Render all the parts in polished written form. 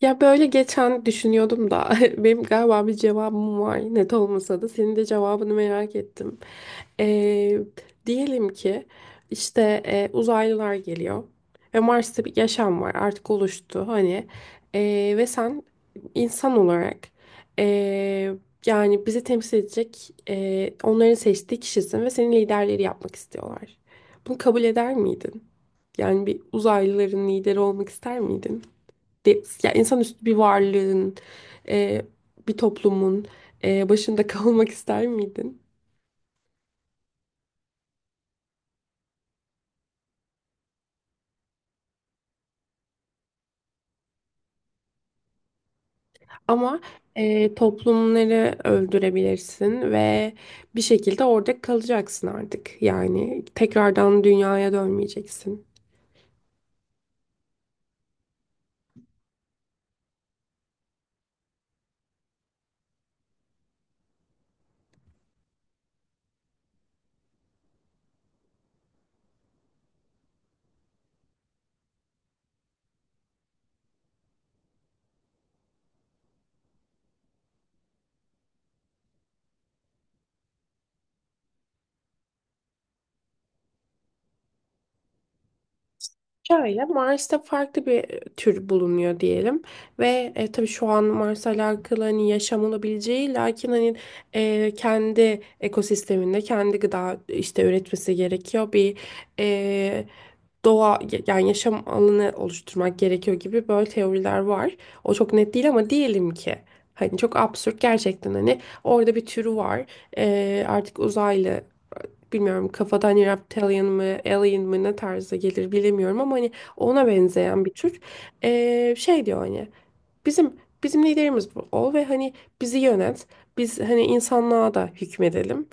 Ya böyle geçen düşünüyordum da benim galiba bir cevabım var, net olmasa da senin de cevabını merak ettim. Ee, Diyelim ki işte uzaylılar geliyor ve Mars'ta bir yaşam var, artık oluştu hani. Ve sen insan olarak, e, yani bizi temsil edecek, onların seçtiği kişisin ve senin liderleri yapmak istiyorlar. Bunu kabul eder miydin? Yani bir uzaylıların lideri olmak ister miydin? Ya insanüstü bir varlığın, e, bir toplumun başında kalmak ister miydin? Ama toplumları öldürebilirsin ve bir şekilde orada kalacaksın artık. Yani tekrardan dünyaya dönmeyeceksin. Şöyle, Mars'ta farklı bir tür bulunuyor diyelim ve tabii şu an Mars'la alakalı hani yaşam olabileceği, lakin hani kendi ekosisteminde kendi gıda işte üretmesi gerekiyor, bir e, doğa, yani yaşam alanı oluşturmak gerekiyor gibi böyle teoriler var. O çok net değil ama diyelim ki hani çok absürt, gerçekten hani orada bir türü var. Artık uzaylı, bilmiyorum kafadan hani reptilian mı alien mı ne tarzda gelir bilemiyorum ama hani ona benzeyen bir tür. Şey diyor hani bizim bizim liderimiz bu ol ve hani bizi yönet, biz hani insanlığa da hükmedelim,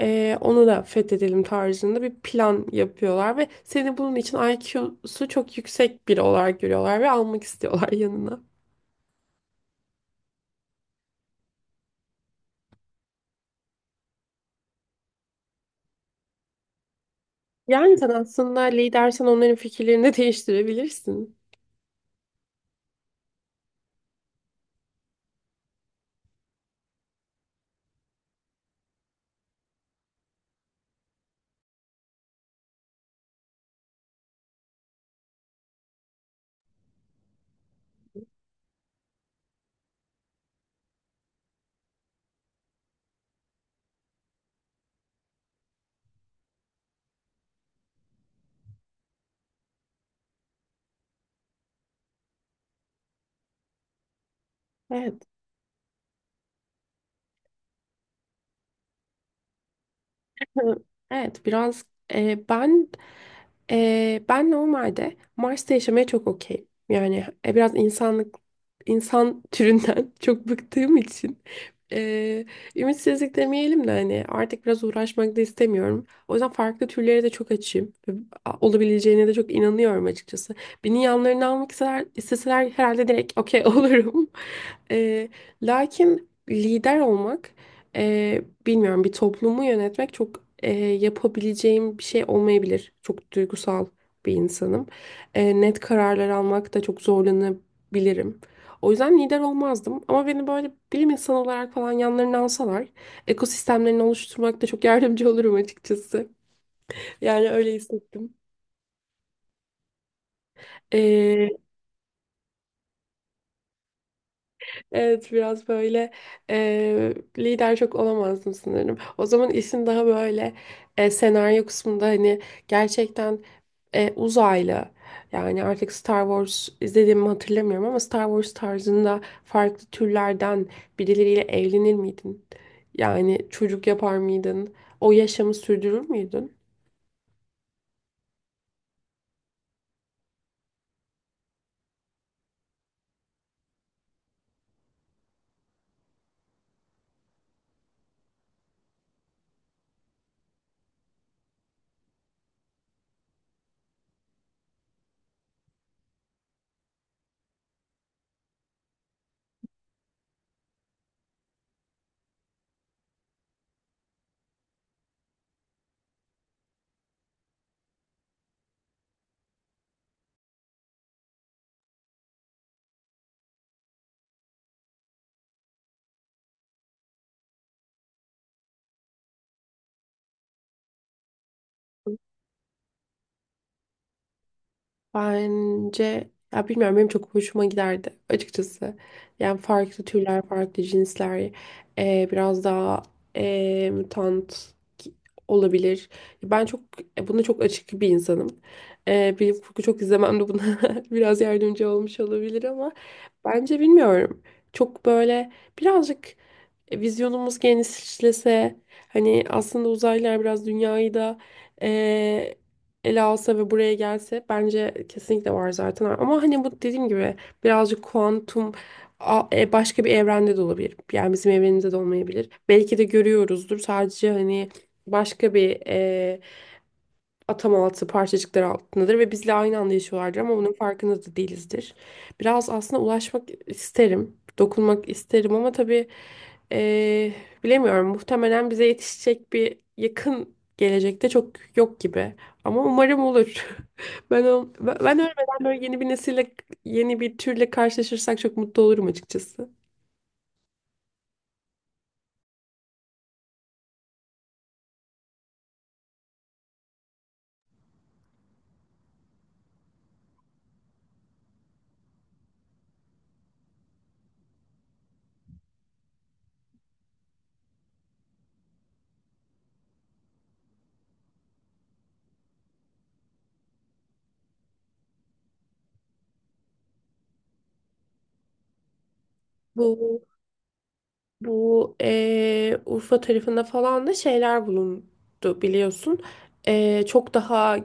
Onu da fethedelim tarzında bir plan yapıyorlar ve seni bunun için IQ'su çok yüksek biri olarak görüyorlar ve almak istiyorlar yanına. Yani sen aslında lidersen onların fikirlerini de değiştirebilirsin. Evet. Evet, biraz ben, ben normalde Mars'ta yaşamaya çok okeyim. Yani biraz insanlık, insan türünden çok bıktığım için e, ümitsizlik demeyelim de hani artık biraz uğraşmak da istemiyorum. O yüzden farklı türlere de çok açığım. Ve olabileceğine de çok inanıyorum açıkçası. Beni yanlarına almak isteseler, isteseler herhalde direkt okey olurum. E, Lakin lider olmak, bilmiyorum, bir toplumu yönetmek çok, yapabileceğim bir şey olmayabilir. Çok duygusal bir insanım. Net kararlar almakta çok zorlanabilirim. O yüzden lider olmazdım ama beni böyle bilim insanı olarak falan yanlarına alsalar ekosistemlerini oluşturmakta çok yardımcı olurum açıkçası. Yani öyle hissettim. Evet, biraz böyle lider çok olamazdım sanırım. O zaman işin daha böyle senaryo kısmında hani gerçekten uzaylı, yani artık Star Wars izlediğimi hatırlamıyorum ama Star Wars tarzında farklı türlerden birileriyle evlenir miydin? Yani çocuk yapar mıydın? O yaşamı sürdürür müydün? Bence, ya bilmiyorum, benim çok hoşuma giderdi açıkçası. Yani farklı türler, farklı cinsler, biraz daha mutant olabilir. Ben çok buna çok açık bir insanım. Bilim kurgu çok izlemem de buna biraz yardımcı olmuş olabilir ama bence bilmiyorum. Çok böyle birazcık vizyonumuz genişlese, hani aslında uzaylılar biraz dünyayı da e, ele alsa ve buraya gelse, bence kesinlikle var zaten. Ama hani bu dediğim gibi birazcık kuantum, başka bir evrende de olabilir. Yani bizim evrenimizde de olmayabilir. Belki de görüyoruzdur. Sadece hani başka bir atam altı parçacıklar altındadır ve bizle aynı anda yaşıyorlardır ama bunun farkında da değilizdir. Biraz aslında ulaşmak isterim, dokunmak isterim ama tabii eee, bilemiyorum. Muhtemelen bize yetişecek bir yakın gelecekte çok yok gibi. Ama umarım olur. Ben o- ben ben ölmeden böyle yeni bir nesille, yeni bir türle karşılaşırsak çok mutlu olurum açıkçası. Bu Bu Urfa tarafında falan da şeyler bulundu biliyorsun. Çok daha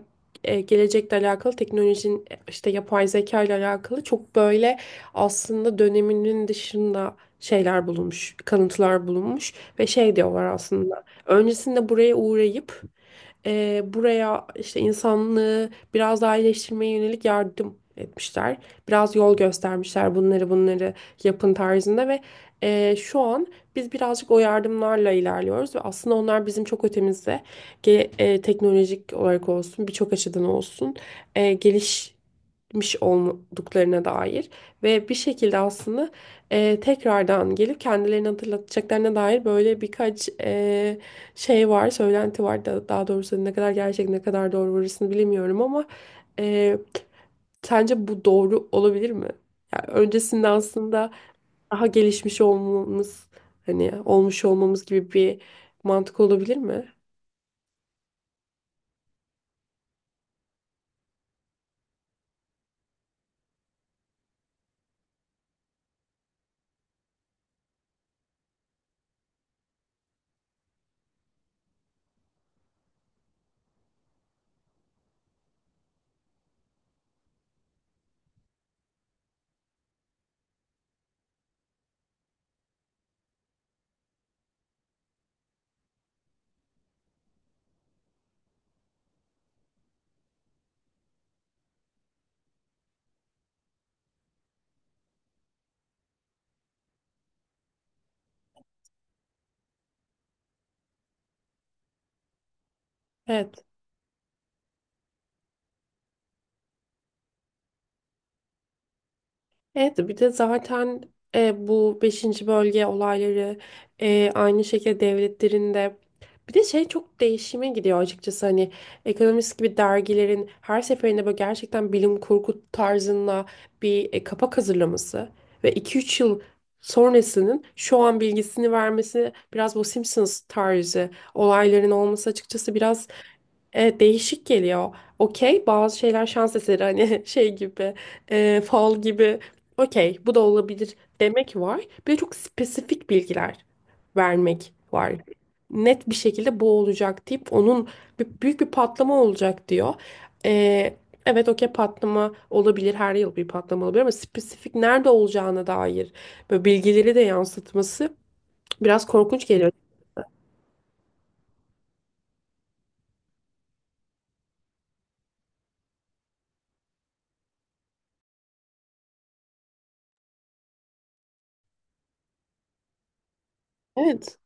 gelecekle alakalı teknolojinin, işte yapay zeka ile alakalı, çok böyle aslında döneminin dışında şeyler bulunmuş, kalıntılar bulunmuş ve şey diyorlar aslında. Öncesinde buraya uğrayıp buraya işte insanlığı biraz daha iyileştirmeye yönelik yardım etmişler. Biraz yol göstermişler, bunları yapın tarzında ve şu an biz birazcık o yardımlarla ilerliyoruz ve aslında onlar bizim çok ötemizde, teknolojik olarak olsun, birçok açıdan olsun gelişmiş olduklarına dair ve bir şekilde aslında tekrardan gelip kendilerini hatırlatacaklarına dair böyle birkaç şey var, söylenti var da, daha doğrusu ne kadar gerçek ne kadar doğru orasını bilemiyorum ama e, sence bu doğru olabilir mi? Yani öncesinde aslında daha gelişmiş olmamız, hani olmuş olmamız gibi bir mantık olabilir mi? Evet. Evet, bir de zaten bu beşinci bölge olayları, aynı şekilde devletlerinde bir de şey çok değişime gidiyor açıkçası hani ekonomist gibi dergilerin her seferinde böyle gerçekten bilim kurgu tarzında bir kapak hazırlaması ve iki üç yıl sonrasının şu an bilgisini vermesi, biraz bu Simpsons tarzı olayların olması, açıkçası biraz. Evet, değişik geliyor. Okey, bazı şeyler şans eseri hani şey gibi, fal gibi. Okey, bu da olabilir demek var. Bir de çok spesifik bilgiler vermek var. Net bir şekilde bu olacak deyip onun bir, büyük bir patlama olacak diyor. E, evet, okey, patlama olabilir, her yıl bir patlama olabilir ama spesifik nerede olacağına dair böyle bilgileri de yansıtması biraz korkunç geliyor. Evet.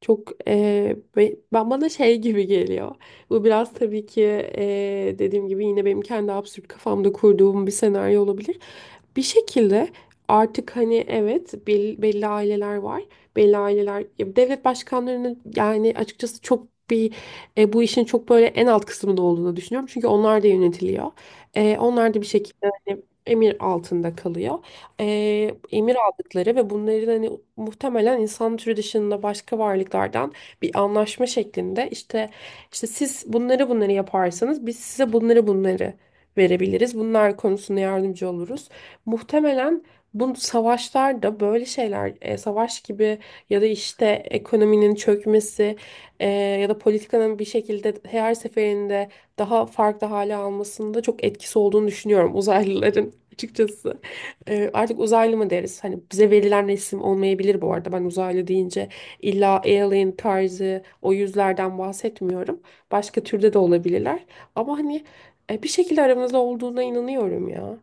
Çok ben bana şey gibi geliyor. Bu biraz tabii ki dediğim gibi yine benim kendi absürt kafamda kurduğum bir senaryo olabilir. Bir şekilde artık hani, evet, belli aileler var. Belli aileler ya devlet başkanlarının, yani açıkçası çok bir bu işin çok böyle en alt kısmında olduğunu düşünüyorum. Çünkü onlar da yönetiliyor. Onlar da bir şekilde hani emir altında kalıyor. Emir aldıkları ve bunların hani muhtemelen insan türü dışında başka varlıklardan bir anlaşma şeklinde, işte siz bunları bunları yaparsanız biz size bunları bunları verebiliriz, bunlar konusunda yardımcı oluruz. Muhtemelen bu savaşlarda böyle şeyler, savaş gibi ya da işte ekonominin çökmesi, ya da politikanın bir şekilde her seferinde daha farklı hale almasında çok etkisi olduğunu düşünüyorum uzaylıların açıkçası. Artık uzaylı mı deriz? Hani bize verilen isim olmayabilir bu arada. Ben uzaylı deyince illa alien tarzı o yüzlerden bahsetmiyorum. Başka türde de olabilirler. Ama hani bir şekilde aramızda olduğuna inanıyorum ya.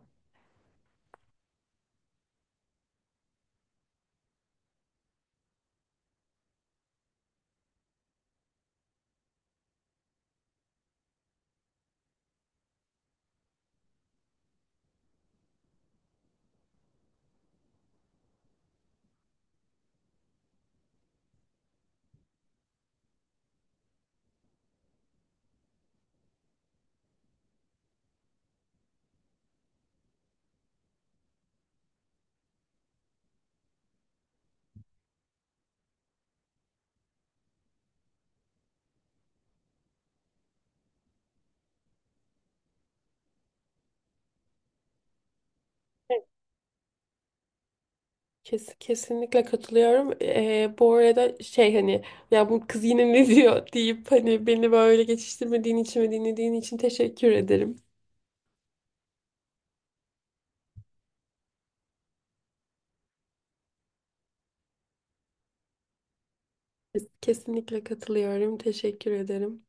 Kesinlikle katılıyorum. Bu arada şey hani ya bu kız yine ne diyor deyip hani beni böyle geçiştirmediğin için ve dinlediğin için teşekkür ederim. Kesinlikle katılıyorum. Teşekkür ederim.